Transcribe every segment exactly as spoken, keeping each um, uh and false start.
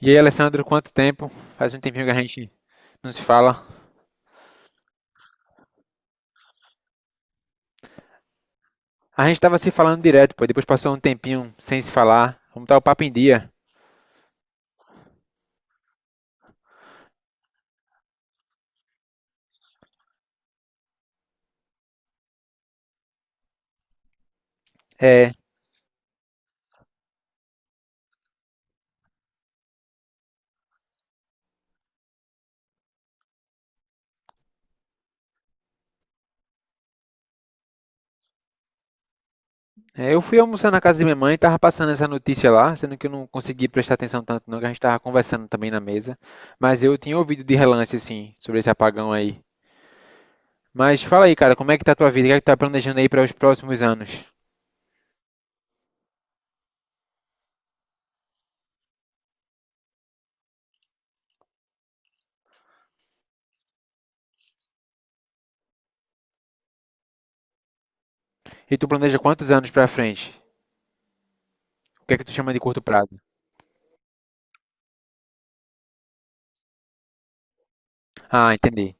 E aí, Alessandro, quanto tempo? Faz um tempinho que a gente não se fala. A gente tava se falando direto, pô. Depois passou um tempinho sem se falar. Vamos estar o papo em dia. É, é, eu fui almoçar na casa de minha mãe, tava passando essa notícia lá, sendo que eu não consegui prestar atenção tanto, não, que a gente tava conversando também na mesa. Mas eu tinha ouvido de relance, assim, sobre esse apagão aí. Mas fala aí, cara, como é que tá a tua vida? O que é que tu tá planejando aí para os próximos anos? E tu planeja quantos anos pra frente? O que é que tu chama de curto prazo? Ah, entendi.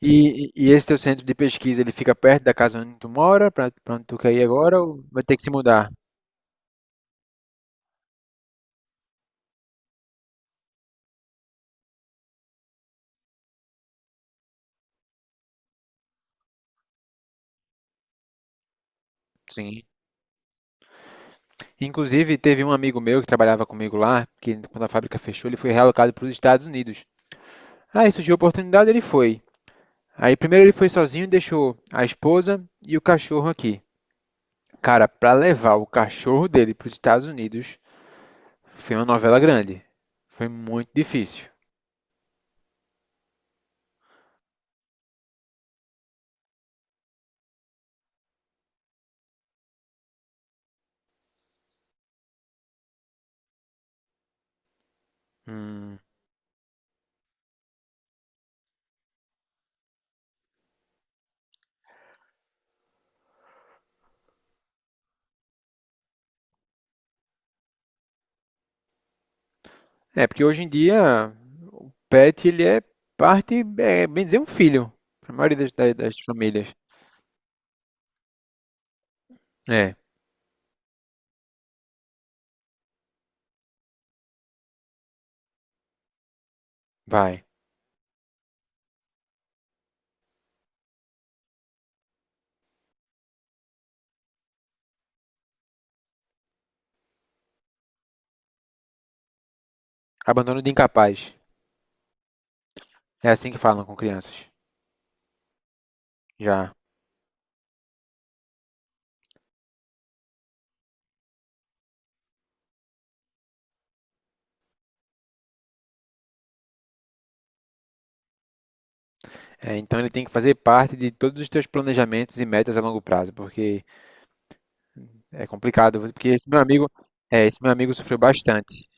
E, e esse teu centro de pesquisa, ele fica perto da casa onde tu mora, pra, pra onde tu quer ir agora, ou vai ter que se mudar? Sim. Inclusive, teve um amigo meu que trabalhava comigo lá, que quando a fábrica fechou, ele foi realocado para os Estados Unidos. Aí surgiu a oportunidade, ele foi. Aí primeiro ele foi sozinho e deixou a esposa e o cachorro aqui. Cara, pra levar o cachorro dele para os Estados Unidos, foi uma novela grande. Foi muito difícil. Hum, É, porque hoje em dia o pet ele é parte, é, é bem dizer, um filho, para a maioria das, das, das famílias. É, vai. Abandono de incapaz. É assim que falam com crianças. Já. É, então ele tem que fazer parte de todos os teus planejamentos e metas a longo prazo, porque é complicado. Porque esse meu amigo, é, esse meu amigo sofreu bastante.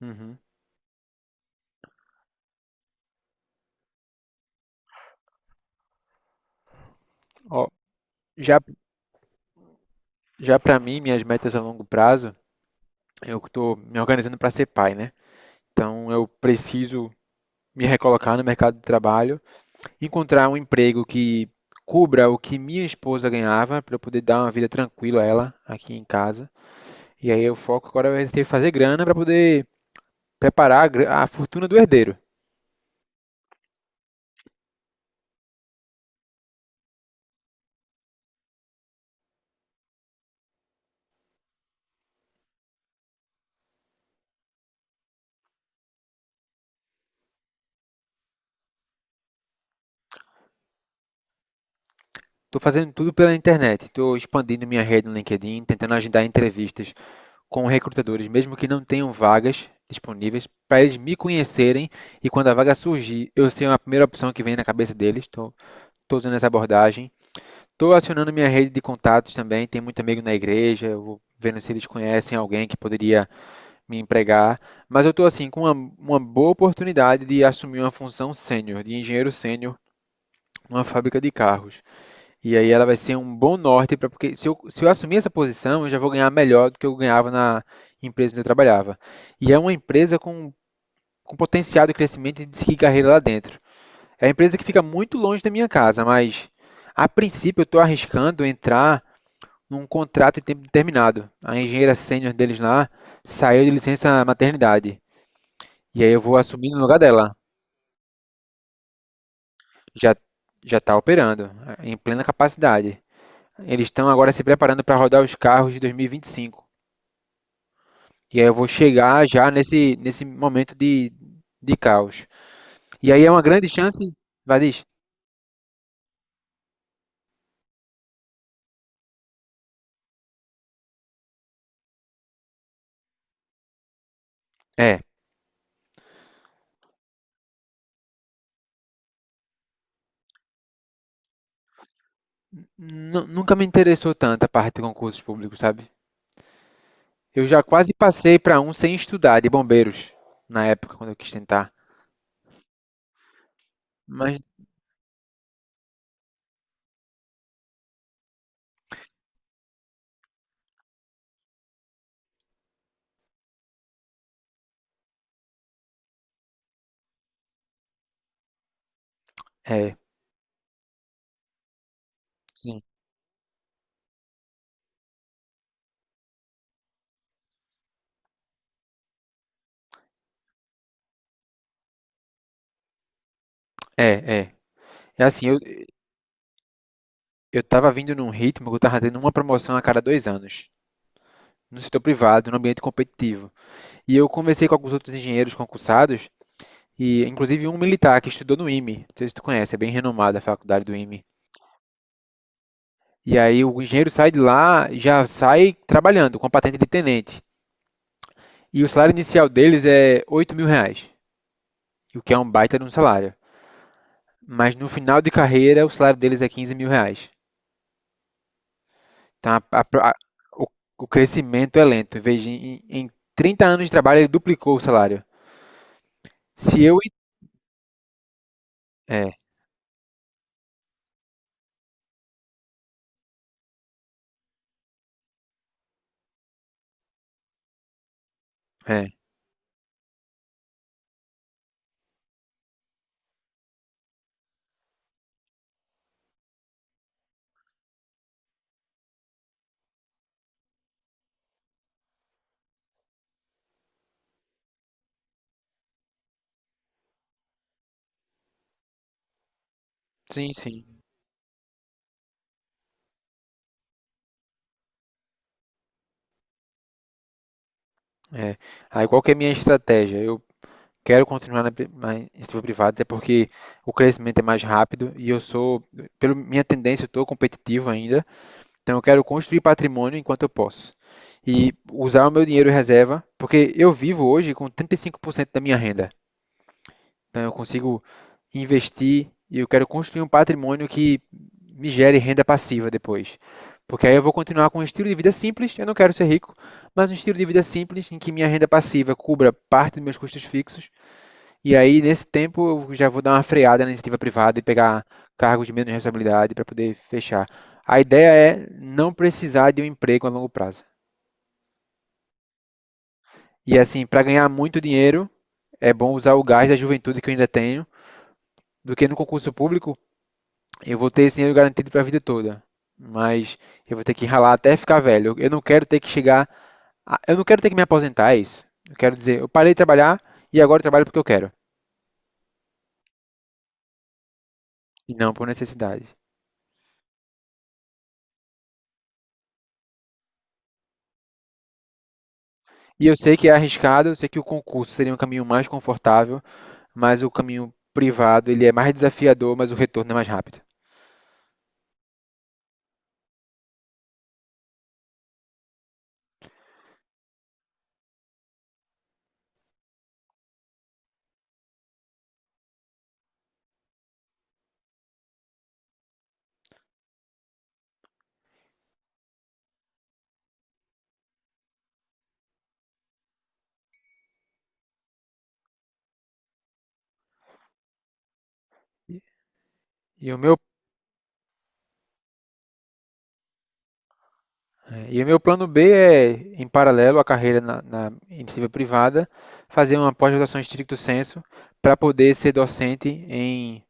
Uhum. Ó, já, já para mim, minhas metas a longo prazo, eu estou me organizando para ser pai, né? Então eu preciso me recolocar no mercado de trabalho. Encontrar um emprego que cubra o que minha esposa ganhava, para eu poder dar uma vida tranquila a ela aqui em casa. E aí o foco agora vai ser fazer grana para poder preparar a gra- a fortuna do herdeiro. Estou fazendo tudo pela internet, estou expandindo minha rede no LinkedIn, tentando agendar entrevistas com recrutadores, mesmo que não tenham vagas disponíveis, para eles me conhecerem e quando a vaga surgir, eu ser a primeira opção que vem na cabeça deles. Estou usando essa abordagem. Estou acionando minha rede de contatos também, tem muito amigo na igreja, eu vou vendo se eles conhecem alguém que poderia me empregar, mas eu estou assim com uma, uma boa oportunidade de assumir uma função sênior, de engenheiro sênior numa fábrica de carros. E aí ela vai ser um bom norte para porque se eu, se eu assumir essa posição, eu já vou ganhar melhor do que eu ganhava na empresa onde eu trabalhava. E é uma empresa com, com potencial de crescimento e de seguir carreira lá dentro. É uma empresa que fica muito longe da minha casa, mas a princípio eu estou arriscando entrar num contrato de tempo determinado. A engenheira sênior deles lá saiu de licença maternidade. E aí eu vou assumir no lugar dela. Já já está operando em plena capacidade. Eles estão agora se preparando para rodar os carros de dois mil e vinte e cinco. E vinte e cinco. E aí eu vou chegar já nesse, nesse momento de, de caos. E aí é uma grande chance, Vadis? É. Nunca me interessou tanto a parte de concursos públicos, sabe? Eu já quase passei para um sem estudar, de bombeiros, na época, quando eu quis tentar. Mas, é. Sim. É, é. É assim, eu, eu tava vindo num ritmo que eu tava tendo uma promoção a cada dois anos, no setor privado, no ambiente competitivo. E eu conversei com alguns outros engenheiros concursados, e inclusive um militar que estudou no IME, não sei se tu conhece, é bem renomada a faculdade do IME. E aí o engenheiro sai de lá, já sai trabalhando com a patente de tenente. E o salário inicial deles é oito mil reais, o que é um baita de um salário. Mas no final de carreira, o salário deles é quinze mil reais. Tá? A- a- o, o crescimento é lento. Em vez de, em, em trinta anos de trabalho, ele duplicou o salário. Se eu. É, é. Sim, sim. É. Aí qual que é a minha estratégia? Eu quero continuar na, pri- na iniciativa privada, até porque o crescimento é mais rápido e eu sou, pela minha tendência, eu estou competitivo ainda. Então eu quero construir patrimônio enquanto eu posso. E usar o meu dinheiro em reserva, porque eu vivo hoje com trinta e cinco por cento da minha renda. Então eu consigo investir e eu quero construir um patrimônio que me gere renda passiva depois. Porque aí eu vou continuar com um estilo de vida simples, eu não quero ser rico, mas um estilo de vida simples em que minha renda passiva cubra parte dos meus custos fixos. E aí, nesse tempo, eu já vou dar uma freada na iniciativa privada e pegar cargos de menos responsabilidade para poder fechar. A ideia é não precisar de um emprego a longo prazo. E assim, para ganhar muito dinheiro, é bom usar o gás da juventude que eu ainda tenho, do que no concurso público eu vou ter esse dinheiro garantido para a vida toda, mas eu vou ter que ralar até ficar velho. Eu não quero ter que chegar, a- eu não quero ter que me aposentar, é isso. Eu quero dizer, eu parei de trabalhar e agora eu trabalho porque eu quero, e não por necessidade. E eu sei que é arriscado, eu sei que o concurso seria um caminho mais confortável, mas o caminho privado, ele é mais desafiador, mas o retorno é mais rápido. E o meu, é, e o meu plano B é, em paralelo à carreira na, na iniciativa privada, fazer uma pós-graduação em stricto sensu para poder ser docente em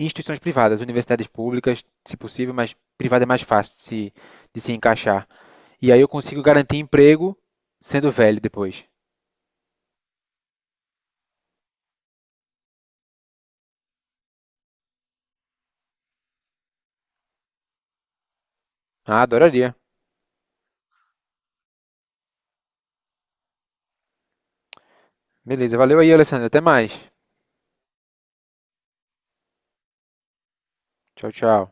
instituições privadas, universidades públicas, se possível, mas privada é mais fácil de se, de se, encaixar. E aí eu consigo garantir emprego sendo velho depois. Ah, adoraria. Beleza, valeu aí, Alessandro. Até mais. Tchau, tchau.